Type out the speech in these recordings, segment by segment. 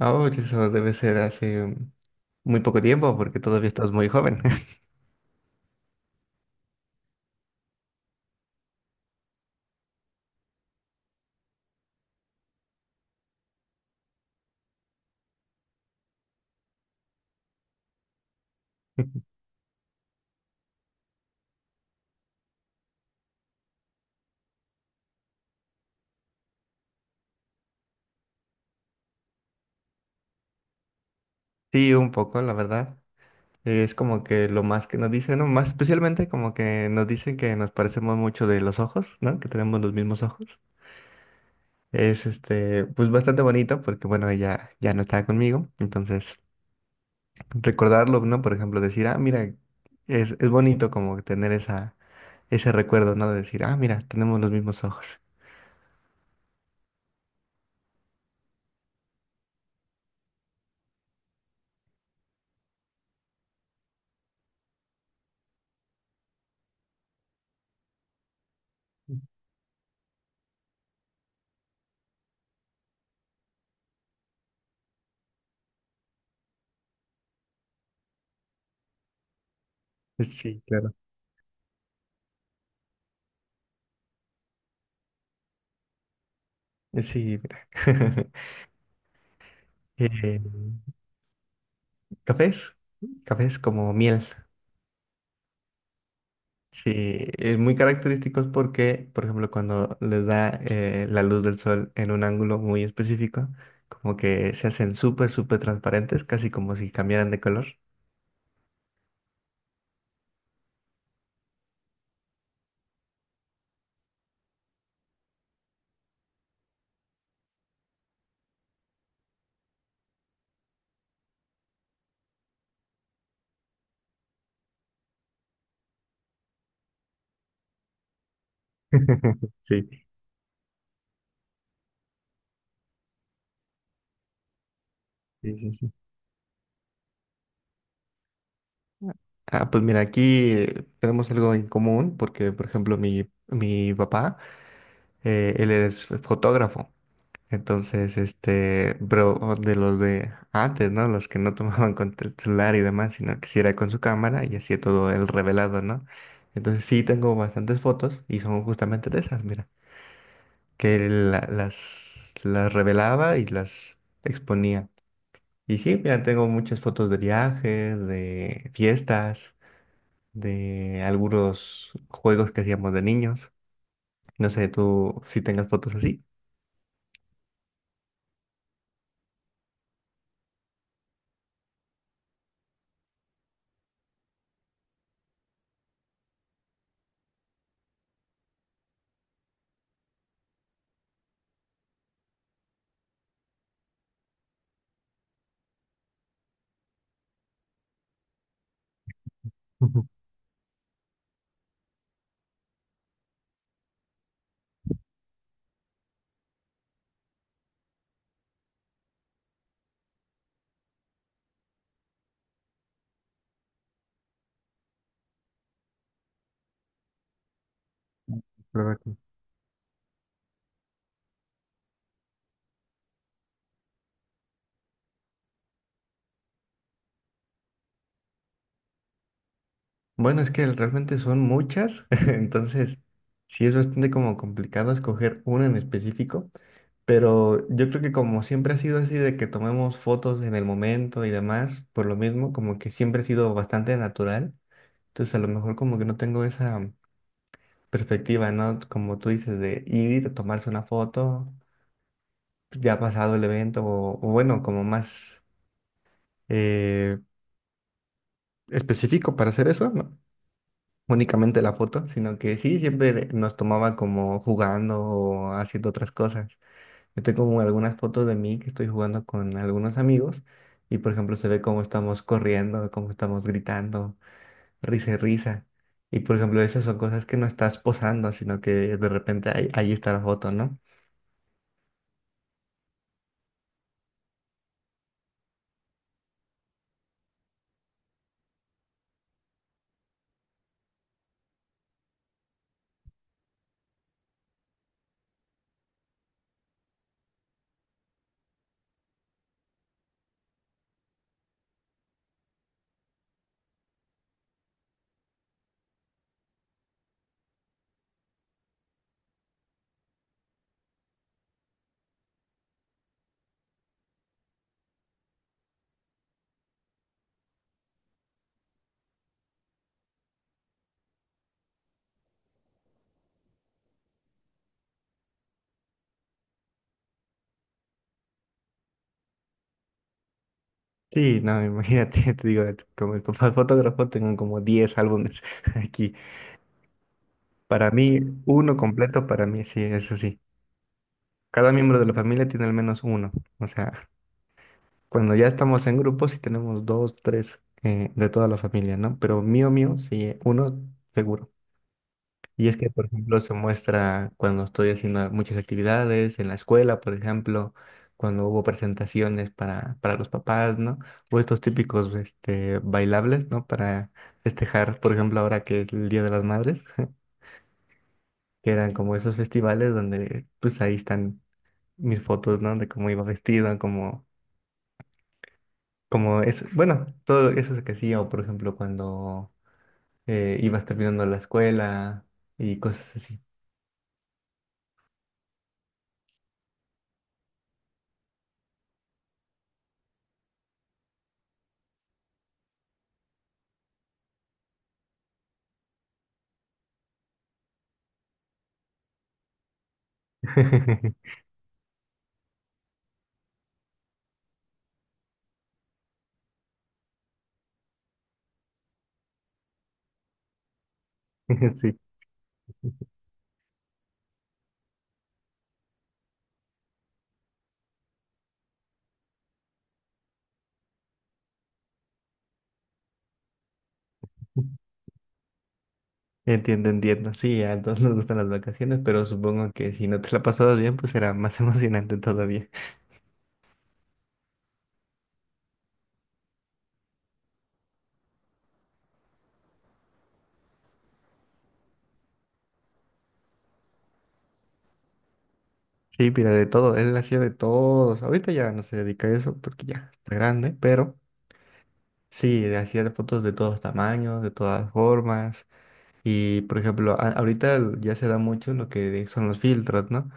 Oh, eso debe ser hace muy poco tiempo porque todavía estás muy joven. Sí, un poco, la verdad. Es como que lo más que nos dicen, ¿no? Más especialmente como que nos dicen que nos parecemos mucho de los ojos, ¿no? Que tenemos los mismos ojos. Es este, pues bastante bonito porque, bueno, ella ya no está conmigo. Entonces, recordarlo, ¿no? Por ejemplo, decir, ah, mira, es bonito como tener esa, ese recuerdo, ¿no? De decir, ah, mira, tenemos los mismos ojos. Sí, claro. Sí, mira. Eh, Cafés, cafés como miel. Sí, muy característicos porque, por ejemplo, cuando les da la luz del sol en un ángulo muy específico, como que se hacen súper, súper transparentes, casi como si cambiaran de color. Sí, sí, sí, sí. Ah, pues mira, aquí tenemos algo en común porque, por ejemplo, mi papá, él es fotógrafo. Entonces, este, pero de los de antes, ¿no? Los que no tomaban con el celular y demás, sino que sí era con su cámara y hacía todo el revelado, ¿no? Entonces sí tengo bastantes fotos y son justamente de esas, mira, que las revelaba y las exponía. Y sí, mira, tengo muchas fotos de viajes, de fiestas, de algunos juegos que hacíamos de niños. No sé, tú si tengas fotos así. Bueno, es que realmente son muchas, entonces sí es bastante como complicado escoger una en específico, pero yo creo que como siempre ha sido así de que tomemos fotos en el momento y demás, por lo mismo, como que siempre ha sido bastante natural, entonces a lo mejor como que no tengo esa perspectiva, ¿no? Como tú dices, de ir, tomarse una foto, ya pasado el evento, o bueno, como más eh, específico para hacer eso, ¿no? Únicamente la foto, sino que sí, siempre nos tomaba como jugando o haciendo otras cosas. Yo tengo como algunas fotos de mí que estoy jugando con algunos amigos y por ejemplo se ve cómo estamos corriendo, cómo estamos gritando, risa y risa. Y por ejemplo esas son cosas que no estás posando, sino que de repente ahí está la foto, ¿no? Sí, no, imagínate, te digo, como fotógrafo tengo como 10 álbumes aquí. Para mí, uno completo, para mí, sí, eso sí. Cada miembro de la familia tiene al menos uno. O sea, cuando ya estamos en grupos sí tenemos dos, tres de toda la familia, ¿no? Pero mío, mío, sí, uno seguro. Y es que, por ejemplo, se muestra cuando estoy haciendo muchas actividades en la escuela, por ejemplo, cuando hubo presentaciones para los papás, ¿no? O estos típicos este, bailables, ¿no? Para festejar, por ejemplo, ahora que es el Día de las Madres, que eran como esos festivales donde, pues ahí están mis fotos, ¿no? De cómo iba vestido, como es, bueno, todo eso es que hacía, o por ejemplo, cuando ibas terminando la escuela y cosas así. Sí, entiendo, entiendo. Sí, a todos nos gustan las vacaciones, pero supongo que si no te la pasabas bien, pues era más emocionante todavía. Sí, mira, de todo, él hacía de todos. Ahorita ya no se dedica a eso porque ya está grande, pero sí, le hacía fotos de todos tamaños, de todas formas. Y, por ejemplo, ahorita ya se da mucho lo que son los filtros, ¿no?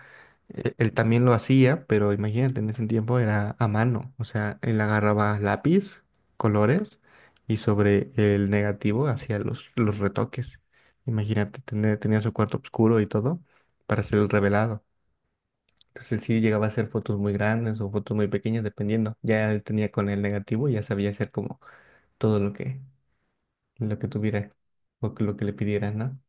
Él también lo hacía, pero imagínate, en ese tiempo era a mano. O sea, él agarraba lápiz, colores y sobre el negativo hacía los retoques. Imagínate, tenía su cuarto oscuro y todo para hacer el revelado. Entonces sí llegaba a hacer fotos muy grandes o fotos muy pequeñas, dependiendo. Ya él tenía con el negativo y ya sabía hacer como todo lo que tuviera lo que le pidieran, ¿no?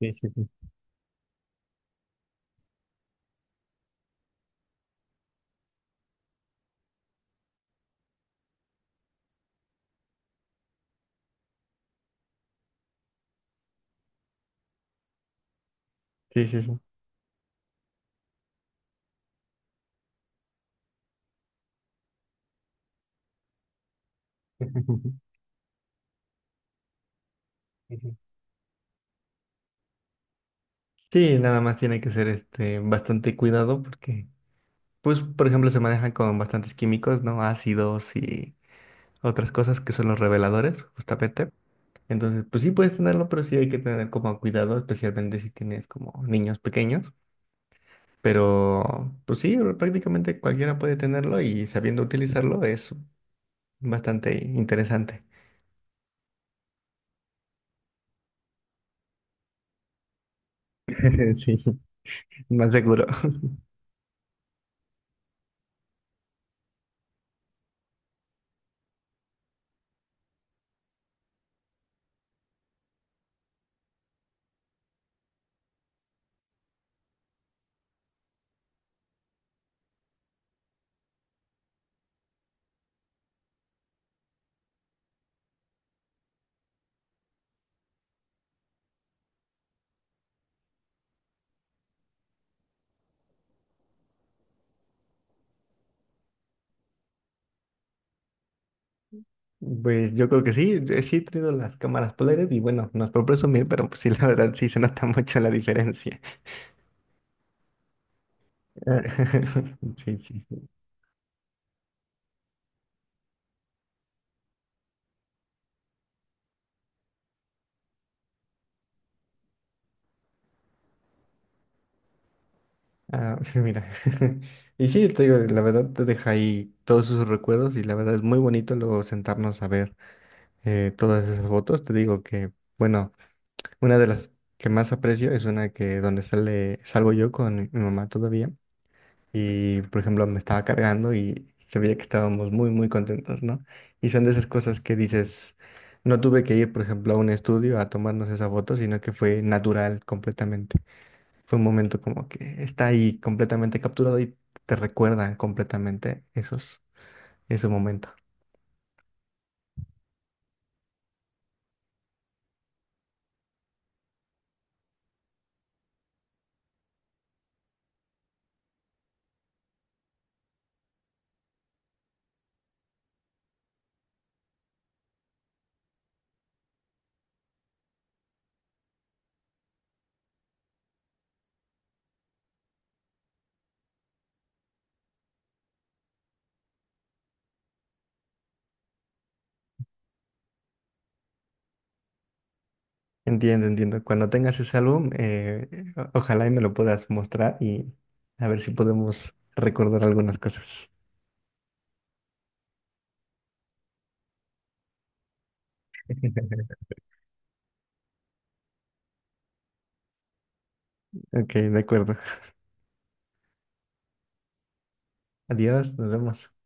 Sí, sí, sí. Sí, sí, sí. Sí, nada más tiene que ser este bastante cuidado porque, pues, por ejemplo, se manejan con bastantes químicos, ¿no? Ácidos y otras cosas que son los reveladores, justamente. Entonces, pues sí puedes tenerlo, pero sí hay que tener como cuidado, especialmente si tienes como niños pequeños. Pero, pues sí, prácticamente cualquiera puede tenerlo y sabiendo utilizarlo es bastante interesante. Sí, sí, más seguro. Pues yo creo que sí, sí he traído las cámaras polares y bueno, no es por presumir, pero pues sí, la verdad sí se nota mucho la diferencia. Ah, Sí, sí. Ah, sí, mira. Y sí, te digo, la verdad te deja ahí todos sus recuerdos y la verdad es muy bonito luego sentarnos a ver todas esas fotos. Te digo que, bueno, una de las que más aprecio es una que donde salgo yo con mi mamá todavía. Y, por ejemplo, me estaba cargando y se veía que estábamos muy, muy contentos, ¿no? Y son de esas cosas que dices, no tuve que ir, por ejemplo, a un estudio a tomarnos esa foto, sino que fue natural completamente. Fue un momento como que está ahí completamente capturado y te recuerda completamente ese momento. Entiendo, entiendo. Cuando tengas ese álbum, ojalá y me lo puedas mostrar y a ver si podemos recordar algunas cosas. Ok, de acuerdo. Adiós, nos vemos.